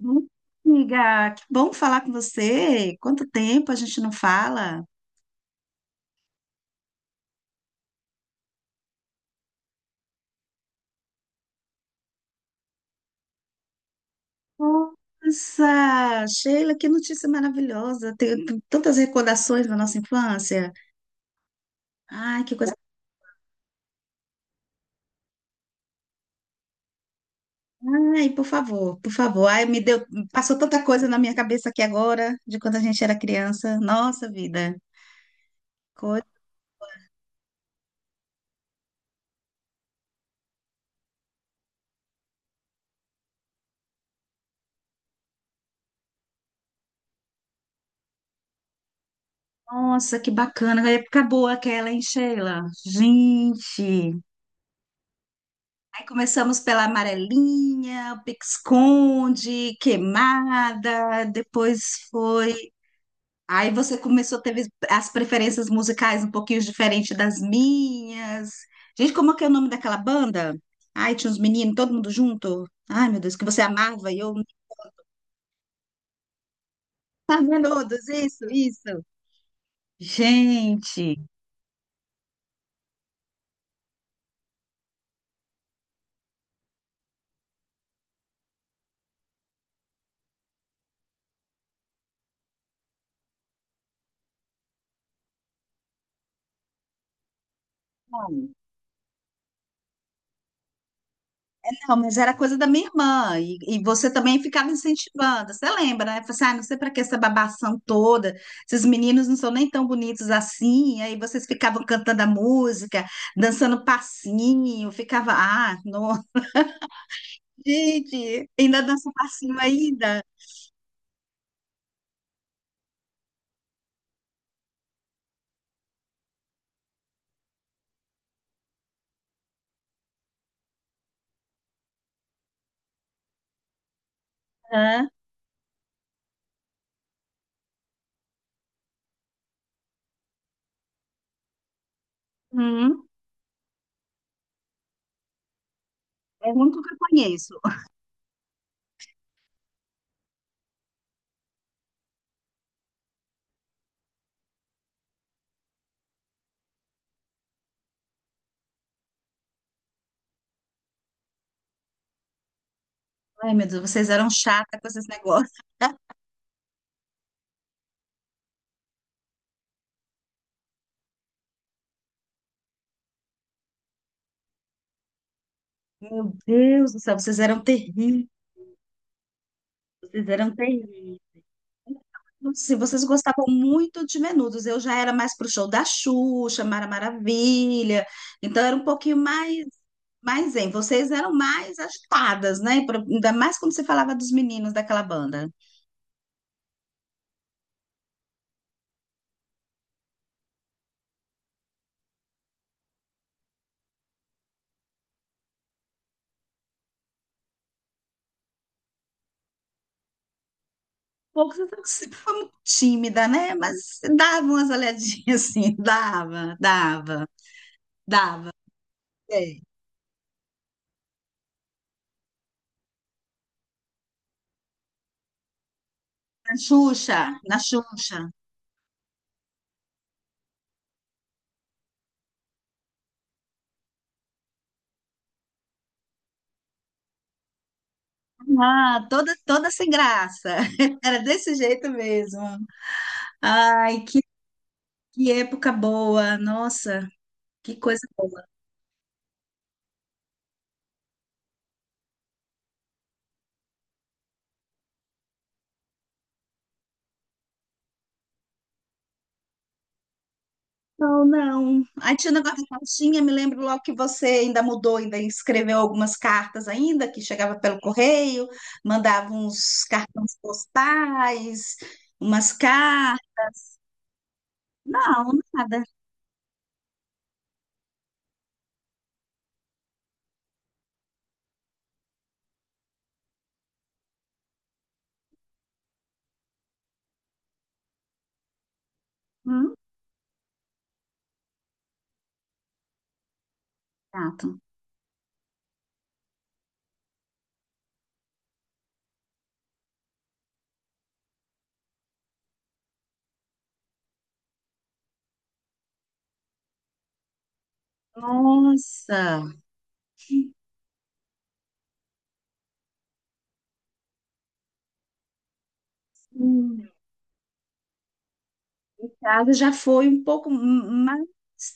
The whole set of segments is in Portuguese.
Bom, amiga, que bom falar com você. Quanto tempo a gente não fala? Nossa, Sheila, que notícia maravilhosa. Tenho tantas recordações da nossa infância. Ai, que coisa. Ai, por favor, por favor. Ai, me deu, passou tanta coisa na minha cabeça aqui agora, de quando a gente era criança. Nossa vida. Coisa. Nossa, que bacana. A época boa aquela, hein, Sheila? Gente. Aí começamos pela amarelinha, pique-esconde, queimada, depois foi. Aí você começou, teve as preferências musicais um pouquinho diferentes das minhas. Gente, como é que é o nome daquela banda? Ai, tinha uns meninos, todo mundo junto. Ai, meu Deus, que você amava e eu. Ah, menudos, isso, isso. Gente. Não, mas era coisa da minha irmã, e você também ficava incentivando. Você lembra, né? Falei assim, ah, não sei para que essa babação toda, esses meninos não são nem tão bonitos assim. Aí vocês ficavam cantando a música, dançando passinho, ficava, ah, não, gente, ainda dança passinho ainda. Hã? Hum, é o único que eu conheço. Ai, meu Deus, vocês eram chata com esses negócios. Meu Deus do céu, vocês eram terríveis, vocês eram terríveis. Se vocês gostavam muito de Menudos, eu já era mais pro show da Xuxa, Mara Maravilha, então era um pouquinho mais, mais em. Vocês eram mais agitadas, né? Ainda mais quando você falava dos meninos daquela banda. Pouco, você sempre foi muito tímida, né? Mas dava umas olhadinhas assim, dava, dava, dava. Sei. Na Xuxa, na Xuxa. Ah, toda, toda sem graça. Era desse jeito mesmo. Ai, que época boa, nossa, que coisa boa. Não, não. Aí tinha o negócio da cartinha, me lembro logo que você ainda mudou, ainda escreveu algumas cartas ainda, que chegava pelo correio, mandava uns cartões postais, umas cartas. Não, nada. Hum, gato. Nossa. Casa já foi um pouco mais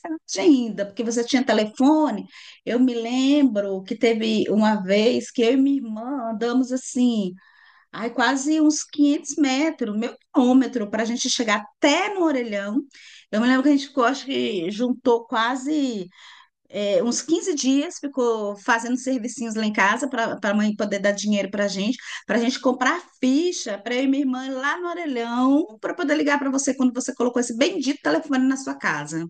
tarde ainda, porque você tinha telefone. Eu me lembro que teve uma vez que eu e minha irmã andamos assim, ai, quase uns 500 metros, meio quilômetro, para a gente chegar até no Orelhão. Eu me lembro que a gente ficou, acho que juntou quase uns 15 dias, ficou fazendo servicinhos lá em casa para a mãe poder dar dinheiro para a gente comprar ficha para eu e minha irmã ir lá no orelhão, para poder ligar para você quando você colocou esse bendito telefone na sua casa.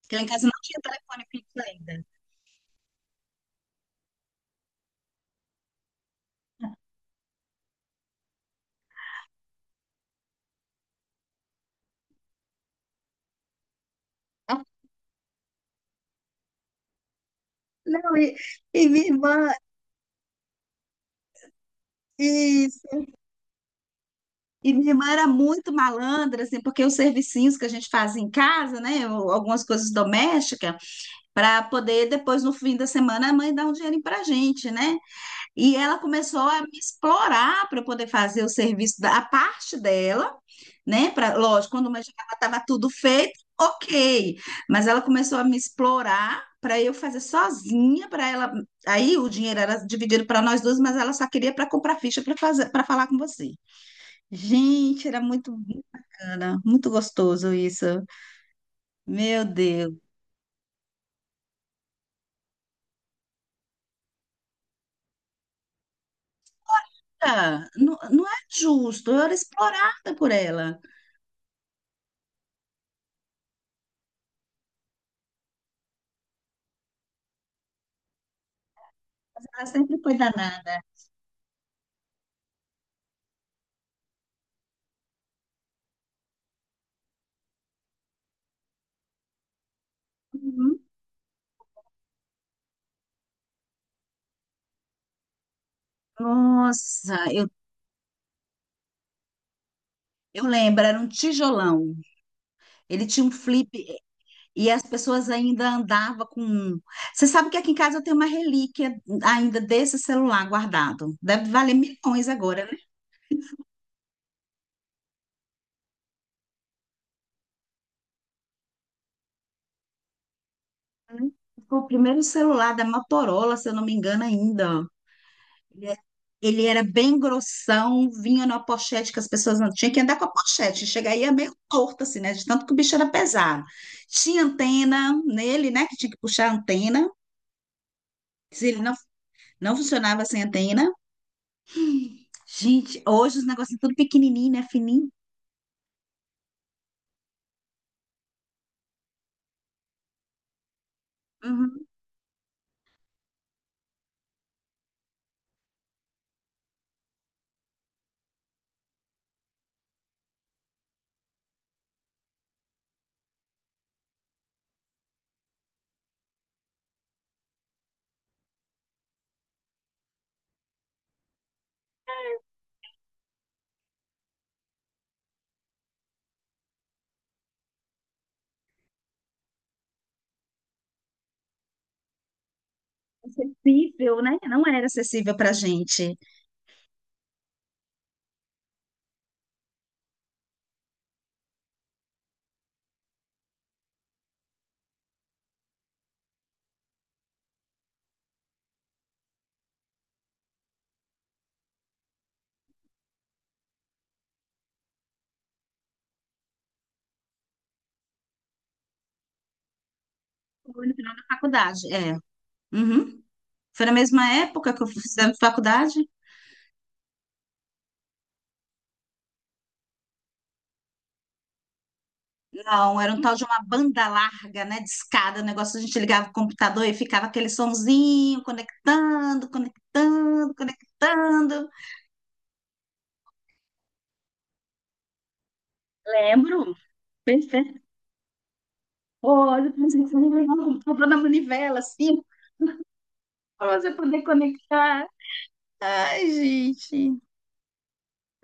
Porque lá em casa não tinha telefone fixo ainda. Ah, não, e minha irmã, isso. E minha irmã era muito malandra, assim, porque os servicinhos que a gente faz em casa, né, ou algumas coisas domésticas, para poder depois, no fim da semana, a mãe dar um dinheirinho para a gente, né? E ela começou a me explorar para poder fazer o serviço da a parte dela, né? Pra, lógico, quando eu já estava tudo feito, ok. Mas ela começou a me explorar para eu fazer sozinha, para ela. Aí o dinheiro era dividido para nós duas, mas ela só queria para comprar ficha para fazer, para falar com você. Gente, era muito bacana, muito gostoso isso. Meu Deus. Ah, não, não é justo, eu era explorada por ela. Ela sempre foi danada. Uhum. Nossa, eu lembro, era um tijolão. Ele tinha um flip e as pessoas ainda andavam com um. Você sabe que aqui em casa eu tenho uma relíquia ainda desse celular guardado. Deve valer milhões agora, né? Foi o primeiro celular da Motorola, se eu não me engano, ainda. Ele é- ele era bem grossão, vinha numa pochete que as pessoas não tinham que andar com a pochete. Chega aí é meio torto, assim, né? De tanto que o bicho era pesado. Tinha antena nele, né? Que tinha que puxar a antena. Se ele não, não funcionava sem antena. Gente, hoje os negócios são tudo pequenininho, né? Fininho. Uhum. Acessível, né? Não era acessível pra gente. Foi no final da faculdade, é. Uhum. Foi na mesma época que eu fizemos faculdade? Não, era um tal de uma banda larga, né? Discada, o negócio a gente ligava o computador e ficava aquele sonzinho conectando, conectando, conectando. Lembro. Perfeito. Olha, pensei que você ligava o computador na manivela, assim, pra você poder conectar. Ai, gente.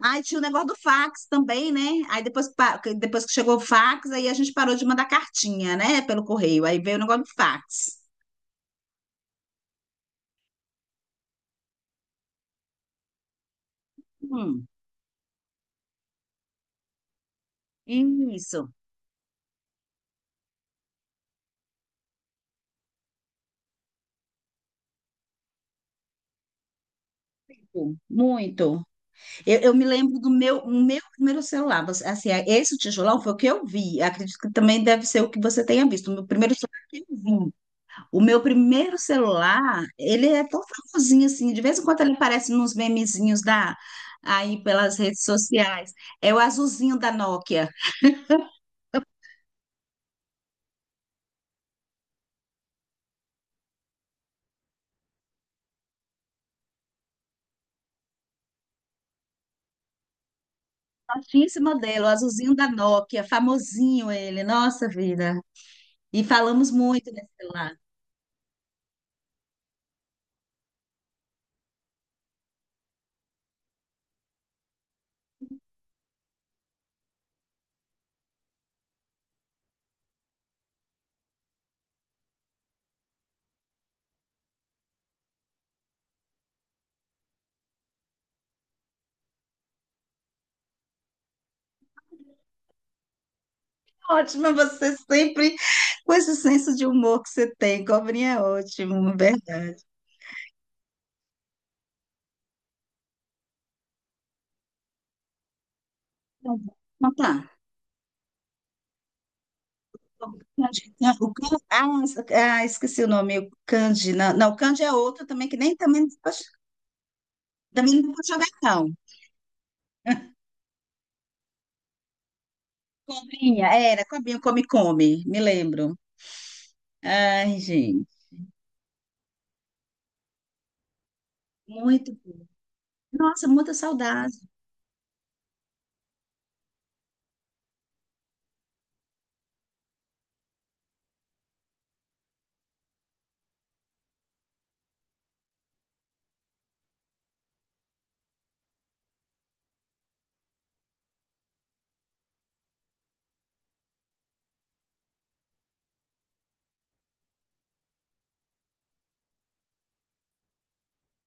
Aí tinha o negócio do fax também, né? Aí depois, depois que chegou o fax, aí a gente parou de mandar cartinha, né? Pelo correio. Aí veio o negócio do fax. Hum, isso. Muito. Eu me lembro do meu, o meu primeiro celular. Você. Assim, é, esse tijolão foi o que eu vi. Acredito que também deve ser o que você tenha visto. O meu primeiro celular que eu vi. O meu primeiro celular, ele é tão famosinho assim. De vez em quando ele aparece nos memezinhos da, aí pelas redes sociais. É o azulzinho da Nokia. Tinha esse modelo, o azulzinho da Nokia, famosinho ele, nossa vida. E falamos muito nesse celular. Ótimo, você sempre com esse senso de humor que você tem, cobrinha é ótimo, verdade. Então tá. Candy, ah, ah, esqueci o nome, o Candy, não, não, o Candy é outro também que nem também, também não vou jogar não. Cobrinha, era, cobrinha, come, come, me lembro. Ai, gente, muito, nossa, muita saudade.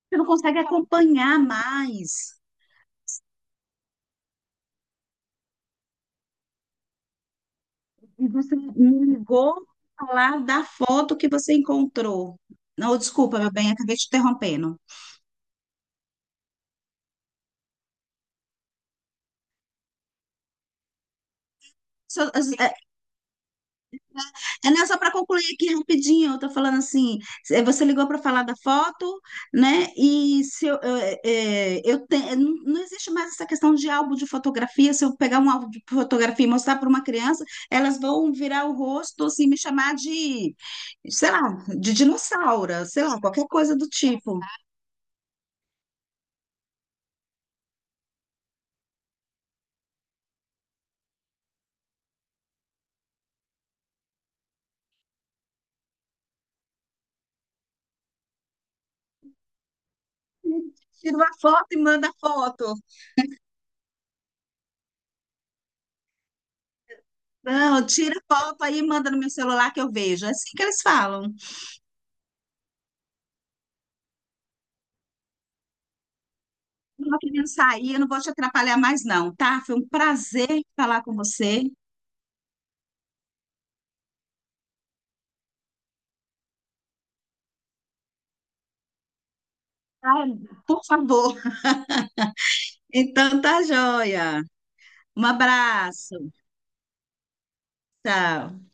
Você não consegue acompanhar mais. E você me ligou pra falar da foto que você encontrou. Não, desculpa, meu bem, acabei te interrompendo. Só, assim, é, é não, só para concluir aqui rapidinho, eu tô falando assim, você ligou para falar da foto, né? E se eu, eu, eh, eu te- não, não existe mais essa questão de álbum de fotografia. Se eu pegar um álbum de fotografia e mostrar para uma criança, elas vão virar o rosto assim, me chamar de, sei lá, de dinossauro, sei lá, qualquer coisa do tipo. Tira uma foto e manda foto. Não, tira foto aí e manda no meu celular que eu vejo. É assim que eles falam. Eu tô querendo sair, eu não vou te atrapalhar mais, não, tá? Foi um prazer falar com você. Tá? Por favor. Então tá joia. Um abraço. Tchau.